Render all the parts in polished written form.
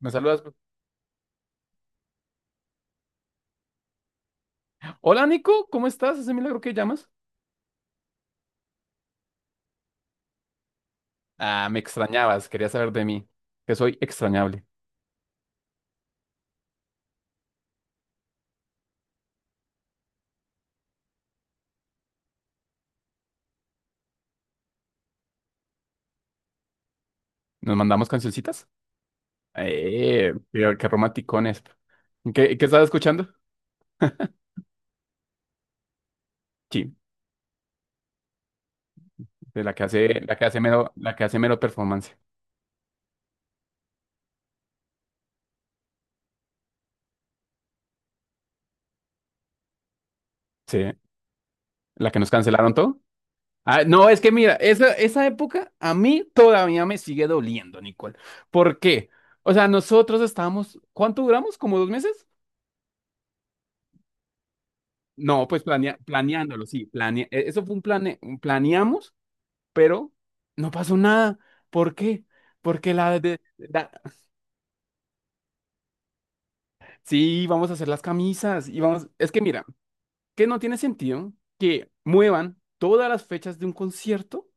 Me saludas, pues. Hola, Nico, ¿cómo estás? Ese milagro que llamas. Ah, me extrañabas, quería saber de mí, que soy extrañable. ¿Nos mandamos cancioncitas? Qué romanticones. ¿Qué estás escuchando? Sí, de la que hace mero performance. Sí, la que nos cancelaron todo. Ah, no, es que mira, esa época a mí todavía me sigue doliendo, Nicole. ¿Por qué? O sea, nosotros estábamos, ¿cuánto duramos? ¿Como dos meses? No, pues planeándolo, sí, eso fue un planeamos, pero no pasó nada. ¿Por qué? Porque la de la- sí, vamos a hacer las camisas y vamos, es que mira, que no tiene sentido que muevan todas las fechas de un concierto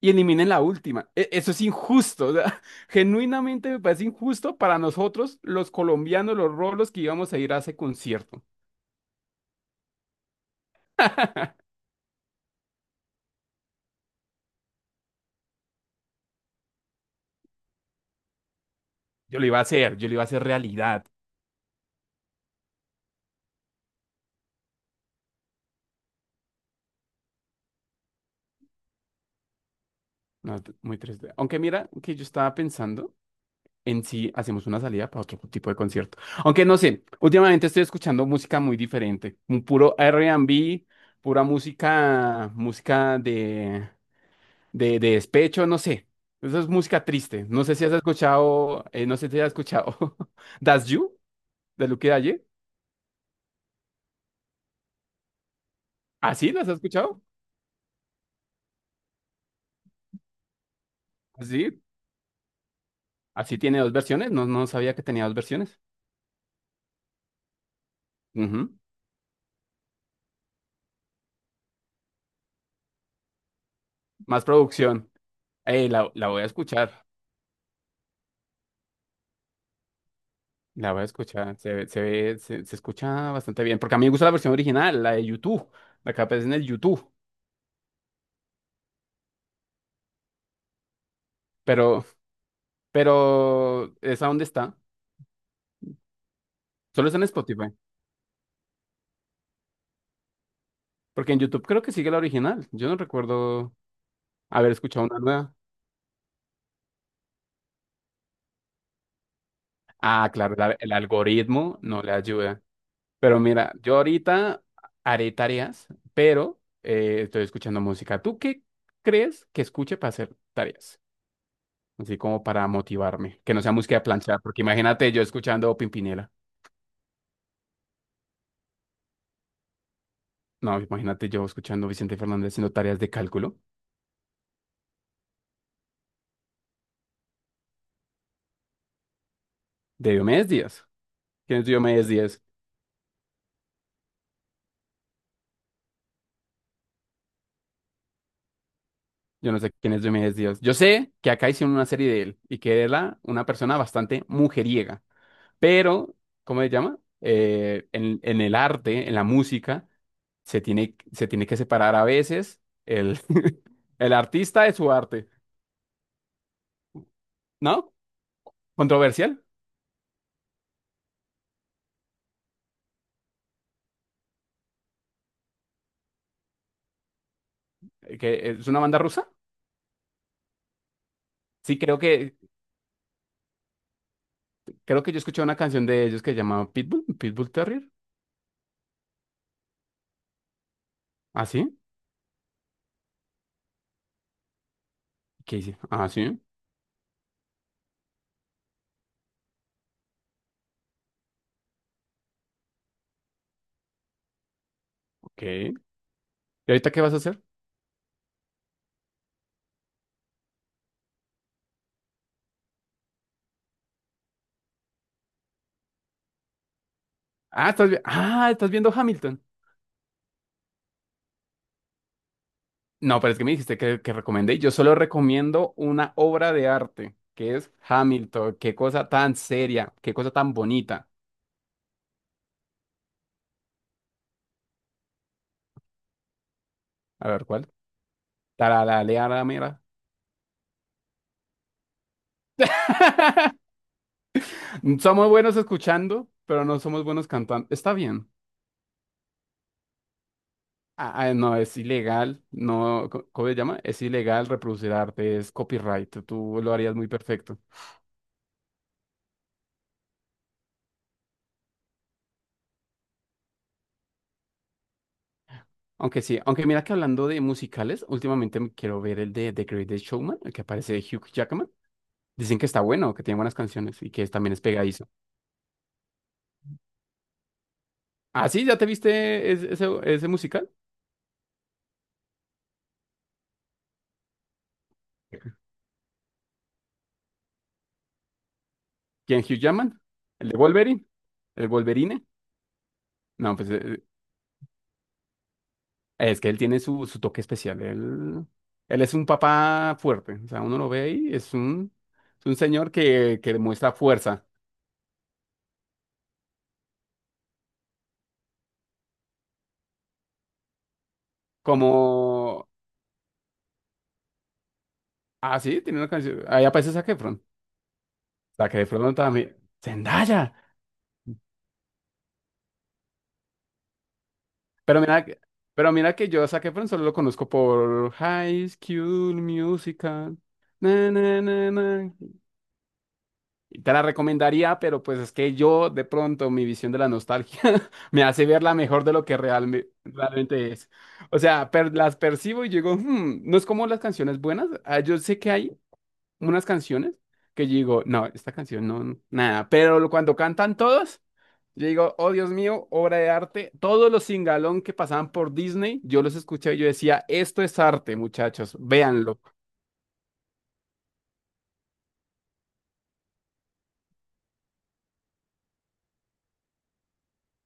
y eliminen la última. Eso es injusto, o sea, genuinamente me parece injusto para nosotros los colombianos, los rolos que íbamos a ir a ese concierto. Yo lo iba a hacer, yo lo iba a hacer realidad. No, muy triste. Aunque mira que yo estaba pensando en si hacemos una salida para otro tipo de concierto. Aunque no sé, últimamente estoy escuchando música muy diferente. Un puro R&B pura música, música de despecho, no sé. Eso es música triste. No sé si has escuchado, Das You de Luke Dalle. ¿Así las has escuchado? Así, así tiene dos versiones. No, no sabía que tenía dos versiones. Ujú. Más producción. La voy a escuchar. La voy a escuchar, se escucha bastante bien, porque a mí me gusta la versión original, la de YouTube, la que aparece en el YouTube, pero, pero, ¿esa dónde está? Solo está en Spotify, porque en YouTube creo que sigue la original, yo no recuerdo haber escuchado una nueva. Ah, claro, el algoritmo no le ayuda, pero mira, yo ahorita haré tareas, pero estoy escuchando música. ¿Tú qué crees que escuche para hacer tareas? Así como para motivarme, que no sea música de planchar, porque imagínate yo escuchando Pimpinela, no, imagínate yo escuchando Vicente Fernández haciendo tareas de cálculo de Diomedes Díaz. ¿Quién es Diomedes Díaz? Yo no sé quién es Diomedes Díaz. Yo sé que acá hicieron una serie de él y que era una persona bastante mujeriega, pero, ¿cómo se llama? En el arte, en la música, se tiene que separar a veces el, el artista de su arte, ¿no? Controversial, que es una banda rusa. Sí, creo que yo escuché una canción de ellos que se llamaba Pitbull, Pitbull Terrier. ¿Ah, sí? ¿Qué hice? Ah, sí, ok. ¿Y ahorita qué vas a hacer? Ah, estás viendo Hamilton. No, pero es que me dijiste que, recomendé. Yo solo recomiendo una obra de arte, que es Hamilton. Qué cosa tan seria, qué cosa tan bonita. A ver, ¿cuál? Taralaleara, mira. Somos buenos escuchando, pero no somos buenos cantando. Está bien. Ah, ah, no, es ilegal, no, ¿cómo se llama? Es ilegal reproducir arte, es copyright, tú lo harías muy perfecto. Aunque sí, aunque mira que hablando de musicales, últimamente me quiero ver el de The Greatest Showman, el que aparece de Hugh Jackman. Dicen que está bueno, que tiene buenas canciones y que también es pegadizo. Ah, sí, ¿ya te viste ese musical? ¿Quién Hugh Jackman? ¿El de Wolverine? ¿El Wolverine? No, pues es que él tiene su toque especial. Él es un papá fuerte. O sea, uno lo ve y es un señor que demuestra fuerza. Como. Ah, sí, tiene una canción. Ahí aparece Zac Efron. Zac Efron también. ¡Zendaya! Pero mira, que- pero mira que yo a Zac Efron solo lo conozco por High School Musical. Na, na, na, na. Te la recomendaría, pero pues es que yo de pronto mi visión de la nostalgia me hace verla mejor de lo que realmente es. O sea, las percibo y digo, "Hmm", no es como las canciones buenas. Ah, yo sé que hay unas canciones que yo digo, no, esta canción no, no, nada, pero cuando cantan todos, yo digo, oh Dios mío, obra de arte. Todos los singalón que pasaban por Disney, yo los escuché y yo decía, esto es arte, muchachos, véanlo.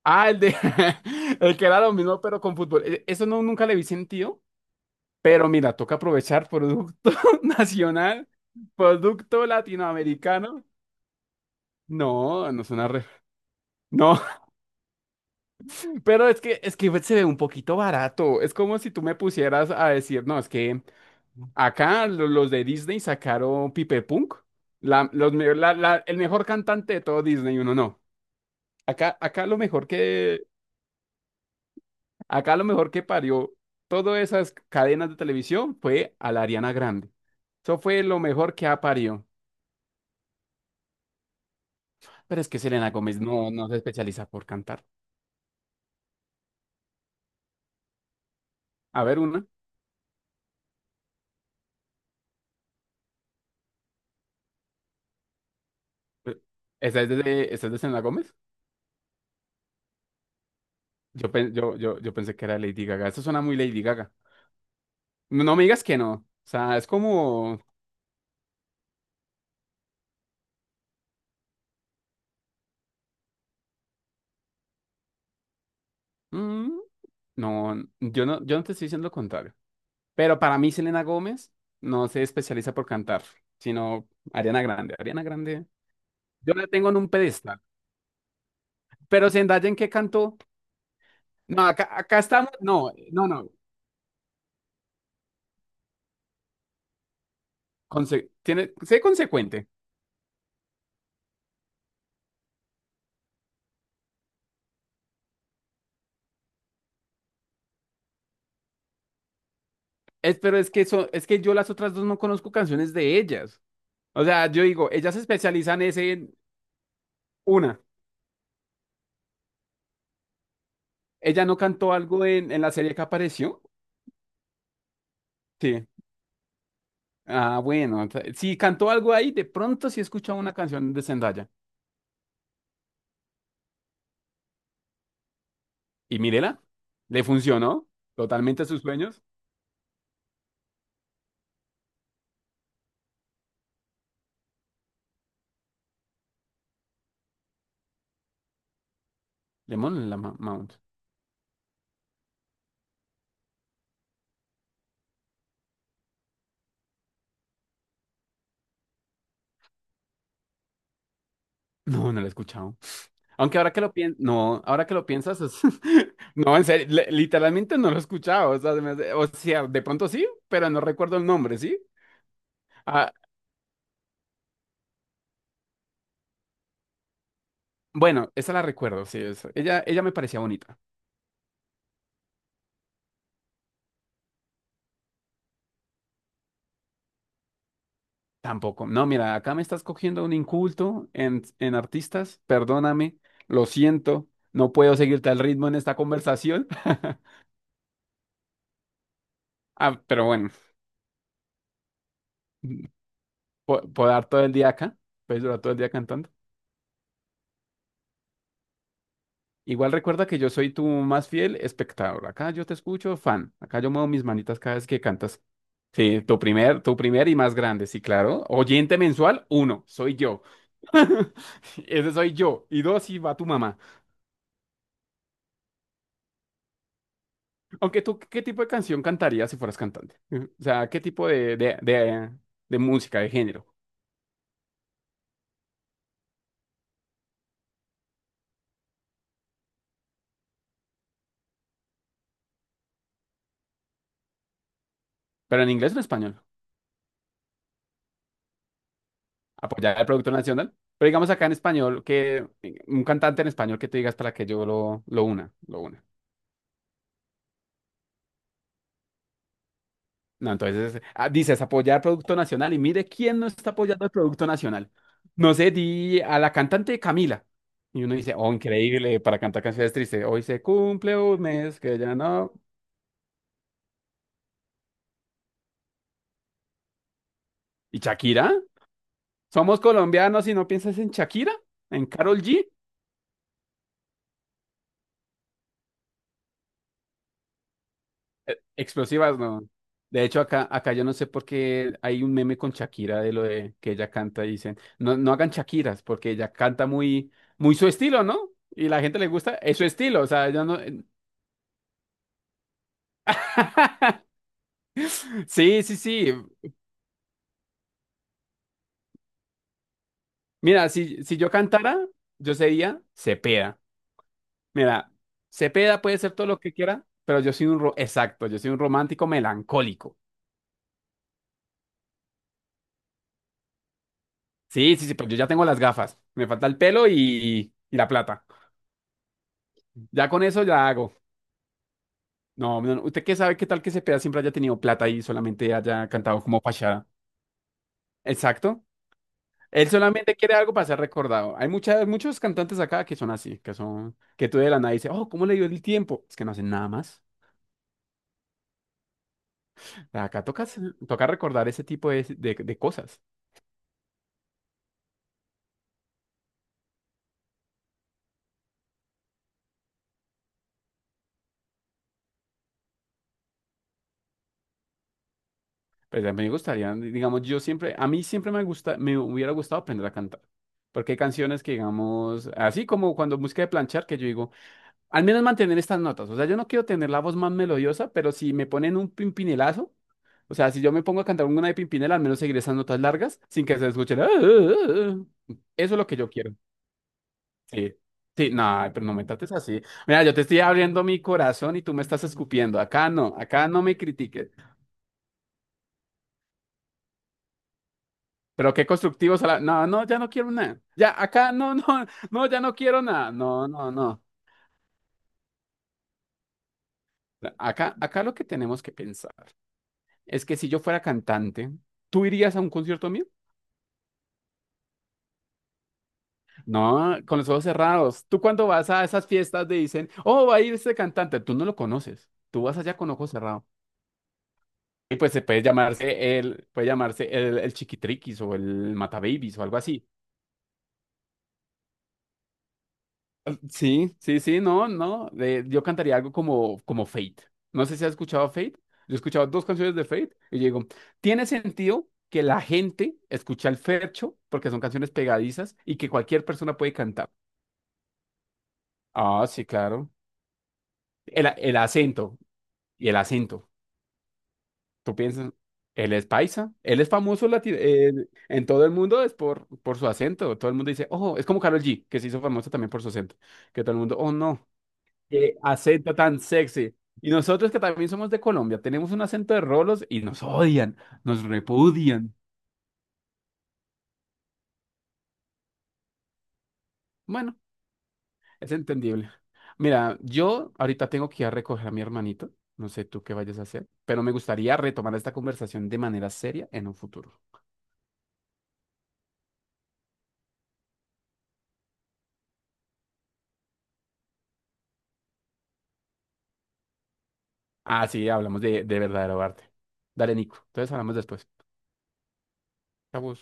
Ah, el de el que era lo mismo, pero con fútbol. Eso no, nunca le vi sentido. Pero mira, toca aprovechar producto nacional, producto latinoamericano. No, no es una re... No, pero es que se ve un poquito barato. Es como si tú me pusieras a decir, no, es que acá los de Disney sacaron Pipe Punk, la, los, me- la- la- el mejor cantante de todo Disney, y uno no. Acá, acá lo mejor que, acá lo mejor que parió todas esas cadenas de televisión fue a la Ariana Grande. Eso fue lo mejor que ha parido. Pero es que Selena Gómez no, no se especializa por cantar. A ver, una. ¿Esa es de Selena Gómez? Yo pensé que era Lady Gaga. Eso suena muy Lady Gaga. No, no me digas que no. O sea, es como... mm, no, no, yo no te estoy diciendo lo contrario. Pero para mí Selena Gómez no se especializa por cantar, sino Ariana Grande. Ariana Grande. Yo la tengo en un pedestal. Pero Zendaya, ¿en qué cantó? No, acá estamos... No, no, no. Sé consecuente. Es, pero es que eso, es que yo las otras dos no conozco canciones de ellas. O sea, yo digo, ellas se especializan es en una. ¿Ella no cantó algo en la serie que apareció? Sí. Ah, bueno. Si cantó algo ahí, de pronto sí escucha una canción de Zendaya. Y mírela, le funcionó totalmente a sus sueños. Lemon la Mount. No, no la he escuchado. Aunque ahora que lo piensas, no, ahora que lo piensas, no, en serio, literalmente no lo he escuchado. O sea, de pronto sí, pero no recuerdo el nombre, ¿sí? Ah, bueno, esa la recuerdo, sí. Ella me parecía bonita. Tampoco. No, mira, acá me estás cogiendo un inculto en artistas. Perdóname, lo siento. No puedo seguirte al ritmo en esta conversación. Ah, pero bueno, puedo dar todo el día acá. Puedes durar todo el día cantando. Igual recuerda que yo soy tu más fiel espectador. Acá yo te escucho, fan. Acá yo muevo mis manitas cada vez que cantas. Sí, tu primer y más grande, sí, claro. Oyente mensual, uno, soy yo. Ese soy yo. Y dos, y va tu mamá. Aunque tú, ¿qué tipo de canción cantarías si fueras cantante? O sea, ¿qué tipo de música, de género? Pero en inglés o en español. Apoyar el producto nacional. Pero digamos acá en español, que un cantante en español que te digas para que yo lo una. No, entonces dices apoyar producto nacional y mire quién no está apoyando el producto nacional. No sé, di a la cantante Camila. Y uno dice, oh, increíble, para cantar canciones tristes. Hoy se cumple un mes que ya no. ¿Y Shakira? ¿Somos colombianos y no piensas en Shakira? ¿En Karol G? Explosivas, no. De hecho, acá yo no sé por qué hay un meme con Shakira de lo de que ella canta y dicen, no, no hagan Shakiras, porque ella canta muy, muy su estilo, ¿no? Y la gente le gusta, es su estilo, o sea, yo no. Sí, sí, sí. Mira, si yo cantara, yo sería Cepeda. Mira, Cepeda puede ser todo lo que quiera, pero yo soy un, ro- exacto, yo soy un romántico melancólico. Sí, sí, sí, pero yo ya tengo las gafas. Me falta el pelo y la plata. Ya con eso ya hago. No, no, no, ¿usted qué sabe qué tal que Cepeda siempre haya tenido plata y solamente haya cantado como fachada? Exacto. Él solamente quiere algo para ser recordado. Hay muchas, muchos cantantes acá que son así, que tú de la nada dices, oh, ¿cómo le dio el tiempo? Es que no hacen nada más. Acá tocas, toca recordar ese tipo de cosas. Pues a mí me gustaría, digamos, a mí siempre me gusta, me hubiera gustado aprender a cantar. Porque hay canciones que, digamos, así como cuando música de planchar, que yo digo, al menos mantener estas notas. O sea, yo no quiero tener la voz más melodiosa, pero si me ponen un pimpinelazo, o sea, si yo me pongo a cantar una de Pimpinela, al menos seguir esas notas largas sin que se escuchen. "Ah, ah, ah". Eso es lo que yo quiero. Sí. Sí, no, pero no me trates así. Mira, yo te estoy abriendo mi corazón y tú me estás escupiendo. Acá no me critiques. Pero qué constructivos a la... No, no, ya no quiero nada. Ya, acá, no, no, no, ya no quiero nada. No, no, no. Acá lo que tenemos que pensar es que si yo fuera cantante, ¿tú irías a un concierto mío? No, con los ojos cerrados. Tú cuando vas a esas fiestas te dicen, oh, va a ir este cantante. Tú no lo conoces. Tú vas allá con ojos cerrados. Y pues se puede llamarse el Chiquitriquis o el Matababies o algo así. Sí, sí, sí, no, no. Yo cantaría algo como Fate. No sé si has escuchado Fate. Yo he escuchado dos canciones de Fate y yo digo, tiene sentido que la gente escucha el fercho porque son canciones pegadizas y que cualquier persona puede cantar. Ah, sí, claro. El acento y el acento. Tú piensas, él es paisa, él es famoso en todo el mundo es por, su acento. Todo el mundo dice, oh, es como Karol G, que se hizo famosa también por su acento. Que todo el mundo, oh, no. Qué acento tan sexy. Y nosotros que también somos de Colombia, tenemos un acento de rolos y nos odian, nos repudian. Bueno, es entendible. Mira, yo ahorita tengo que ir a recoger a mi hermanito. No sé tú qué vayas a hacer, pero me gustaría retomar esta conversación de manera seria en un futuro. Ah, sí, hablamos de verdadero arte. Dale, Nico. Entonces hablamos después. Chau.